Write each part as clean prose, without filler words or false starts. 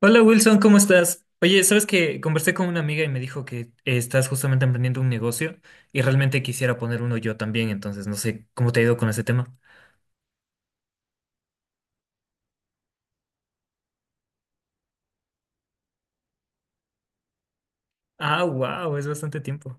Hola Wilson, ¿cómo estás? Oye, sabes que conversé con una amiga y me dijo que estás justamente emprendiendo un negocio y realmente quisiera poner uno yo también, entonces no sé cómo te ha ido con ese tema. Ah, wow, es bastante tiempo.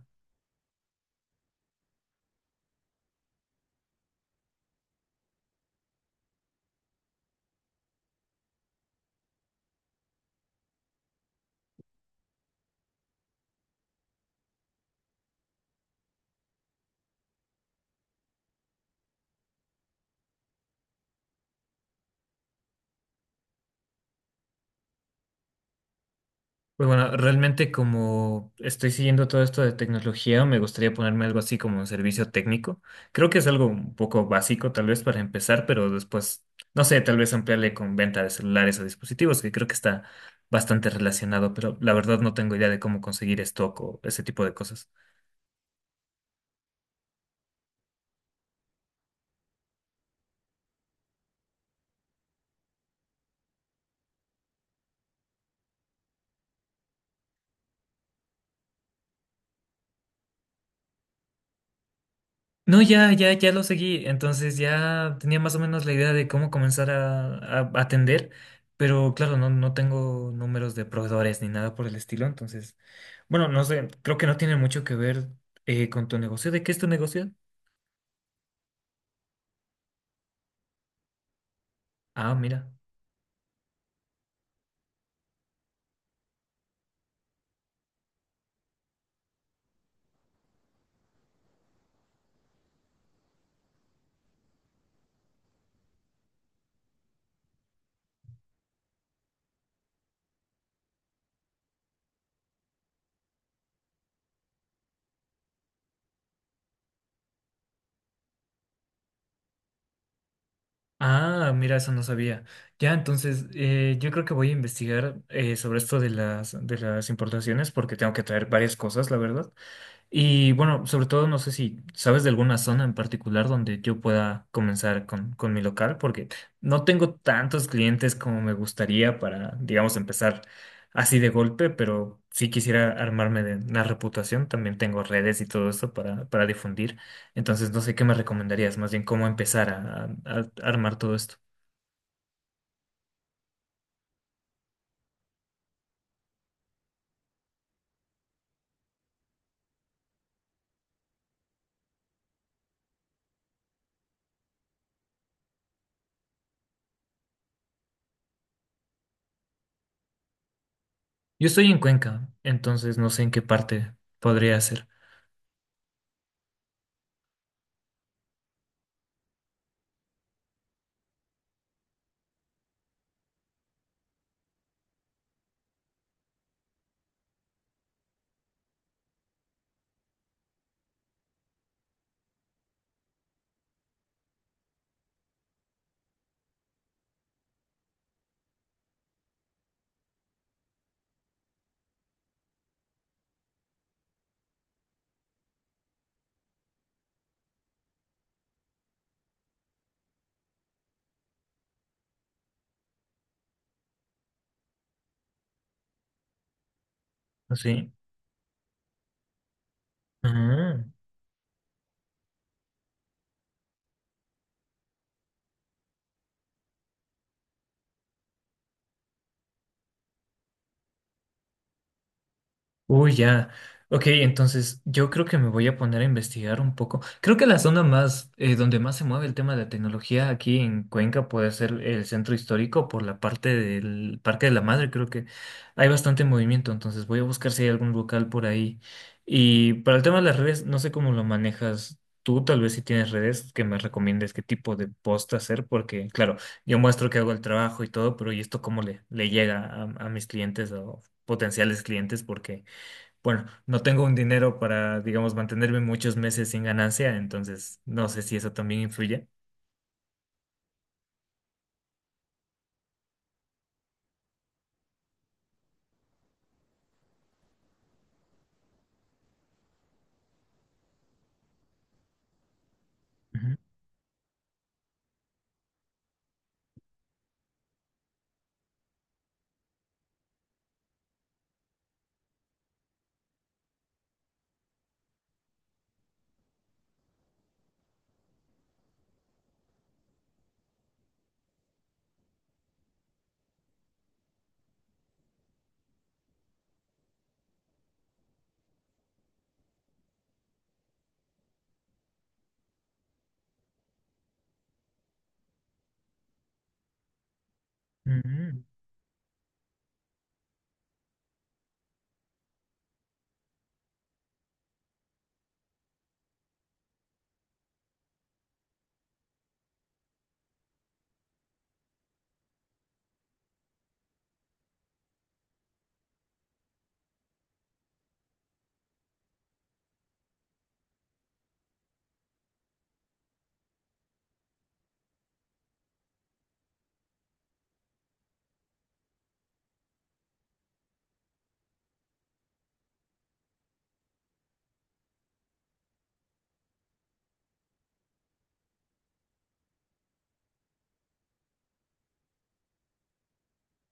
Pues bueno, realmente como estoy siguiendo todo esto de tecnología, me gustaría ponerme algo así como un servicio técnico. Creo que es algo un poco básico tal vez para empezar, pero después, no sé, tal vez ampliarle con venta de celulares o dispositivos, que creo que está bastante relacionado, pero la verdad no tengo idea de cómo conseguir stock o ese tipo de cosas. No, ya, ya, ya lo seguí. Entonces ya tenía más o menos la idea de cómo comenzar a atender, pero claro, no tengo números de proveedores ni nada por el estilo. Entonces, bueno, no sé, creo que no tiene mucho que ver con tu negocio. ¿De qué es tu negocio? Ah, mira. Ah, mira, eso no sabía. Ya, entonces yo creo que voy a investigar sobre esto de las importaciones porque tengo que traer varias cosas, la verdad. Y bueno, sobre todo no sé si sabes de alguna zona en particular donde yo pueda comenzar con mi local, porque no tengo tantos clientes como me gustaría para, digamos, empezar así de golpe, pero sí quisiera armarme de una reputación. También tengo redes y todo eso para difundir. Entonces, no sé qué me recomendarías, más bien cómo empezar a armar todo esto. Yo estoy en Cuenca, entonces no sé en qué parte podría ser. ¿Sí? Uy, ya. Ok, entonces yo creo que me voy a poner a investigar un poco. Creo que la zona más, donde más se mueve el tema de la tecnología aquí en Cuenca puede ser el centro histórico por la parte del Parque de la Madre. Creo que hay bastante movimiento, entonces voy a buscar si hay algún local por ahí. Y para el tema de las redes, no sé cómo lo manejas tú, tal vez si tienes redes que me recomiendes qué tipo de post hacer, porque claro, yo muestro que hago el trabajo y todo, pero ¿y esto cómo le llega a mis clientes o potenciales clientes? Porque bueno, no tengo un dinero para, digamos, mantenerme muchos meses sin ganancia, entonces no sé si eso también influye. Ujú, ujú.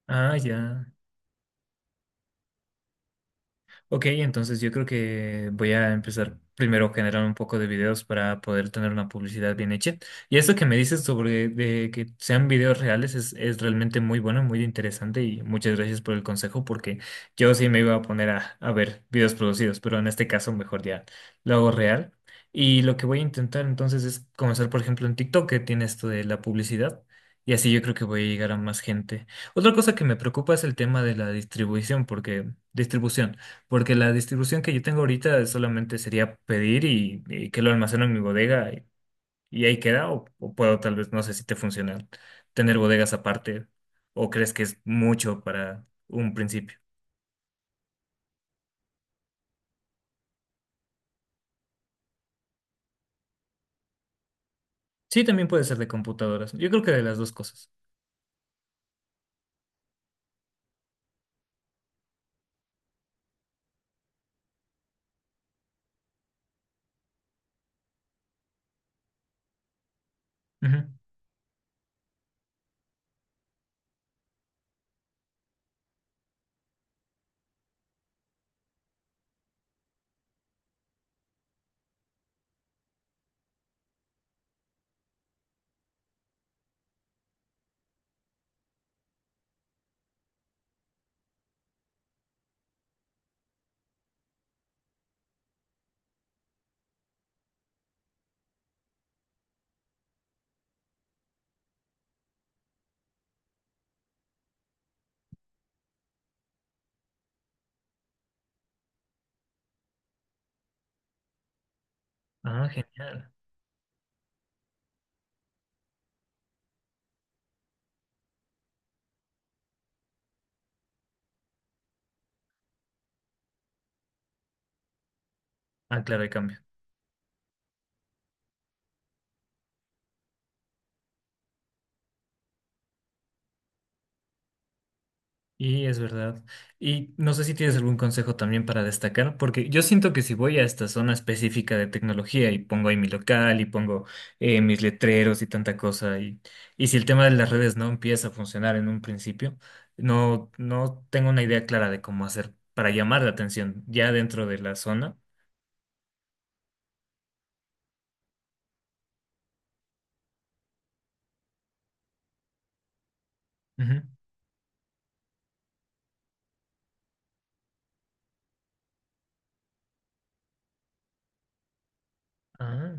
Ah, ya. Ok, entonces yo creo que voy a empezar primero a generar un poco de videos para poder tener una publicidad bien hecha. Y esto que me dices sobre de que sean videos reales es realmente muy bueno, muy interesante y muchas gracias por el consejo porque yo sí me iba a poner a ver videos producidos, pero en este caso mejor ya lo hago real. Y lo que voy a intentar entonces es comenzar, por ejemplo, en TikTok, que tiene esto de la publicidad. Y así yo creo que voy a llegar a más gente. Otra cosa que me preocupa es el tema de la distribución. Porque la distribución que yo tengo ahorita solamente sería pedir y que lo almaceno en mi bodega y ahí queda, o puedo tal vez, no sé si te funciona, tener bodegas aparte, o crees que es mucho para un principio. Sí, también puede ser de computadoras. Yo creo que de las dos cosas. Ujú. Ah, genial. Ah, claro, hay cambio. Y es verdad. Y no sé si tienes algún consejo también para destacar, porque yo siento que si voy a esta zona específica de tecnología y pongo ahí mi local y pongo mis letreros y tanta cosa, y si el tema de las redes no empieza a funcionar en un principio, no tengo una idea clara de cómo hacer para llamar la atención ya dentro de la zona. Ujú. Ah,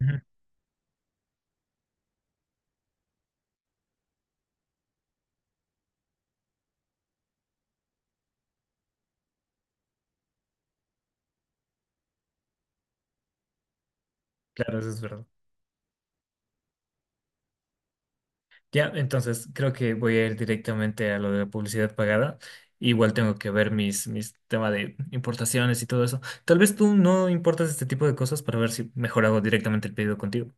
ujú. Claro, eso es verdad. Ya, entonces creo que voy a ir directamente a lo de la publicidad pagada. Igual tengo que ver mis temas de importaciones y todo eso. Tal vez tú no importas este tipo de cosas para ver si mejor hago directamente el pedido contigo.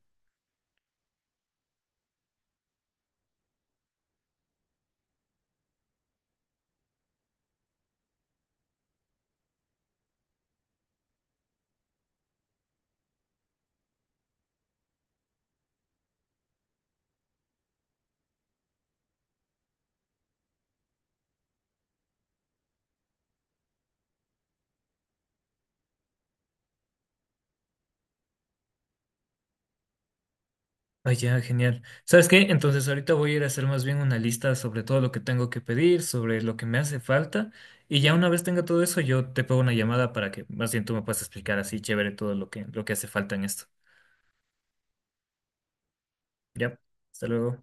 Ah, ya, genial. ¿Sabes qué? Entonces ahorita voy a ir a hacer más bien una lista sobre todo lo que tengo que pedir, sobre lo que me hace falta. Y ya una vez tenga todo eso, yo te pego una llamada para que más bien tú me puedas explicar así chévere todo lo que hace falta en esto. Ya, hasta luego.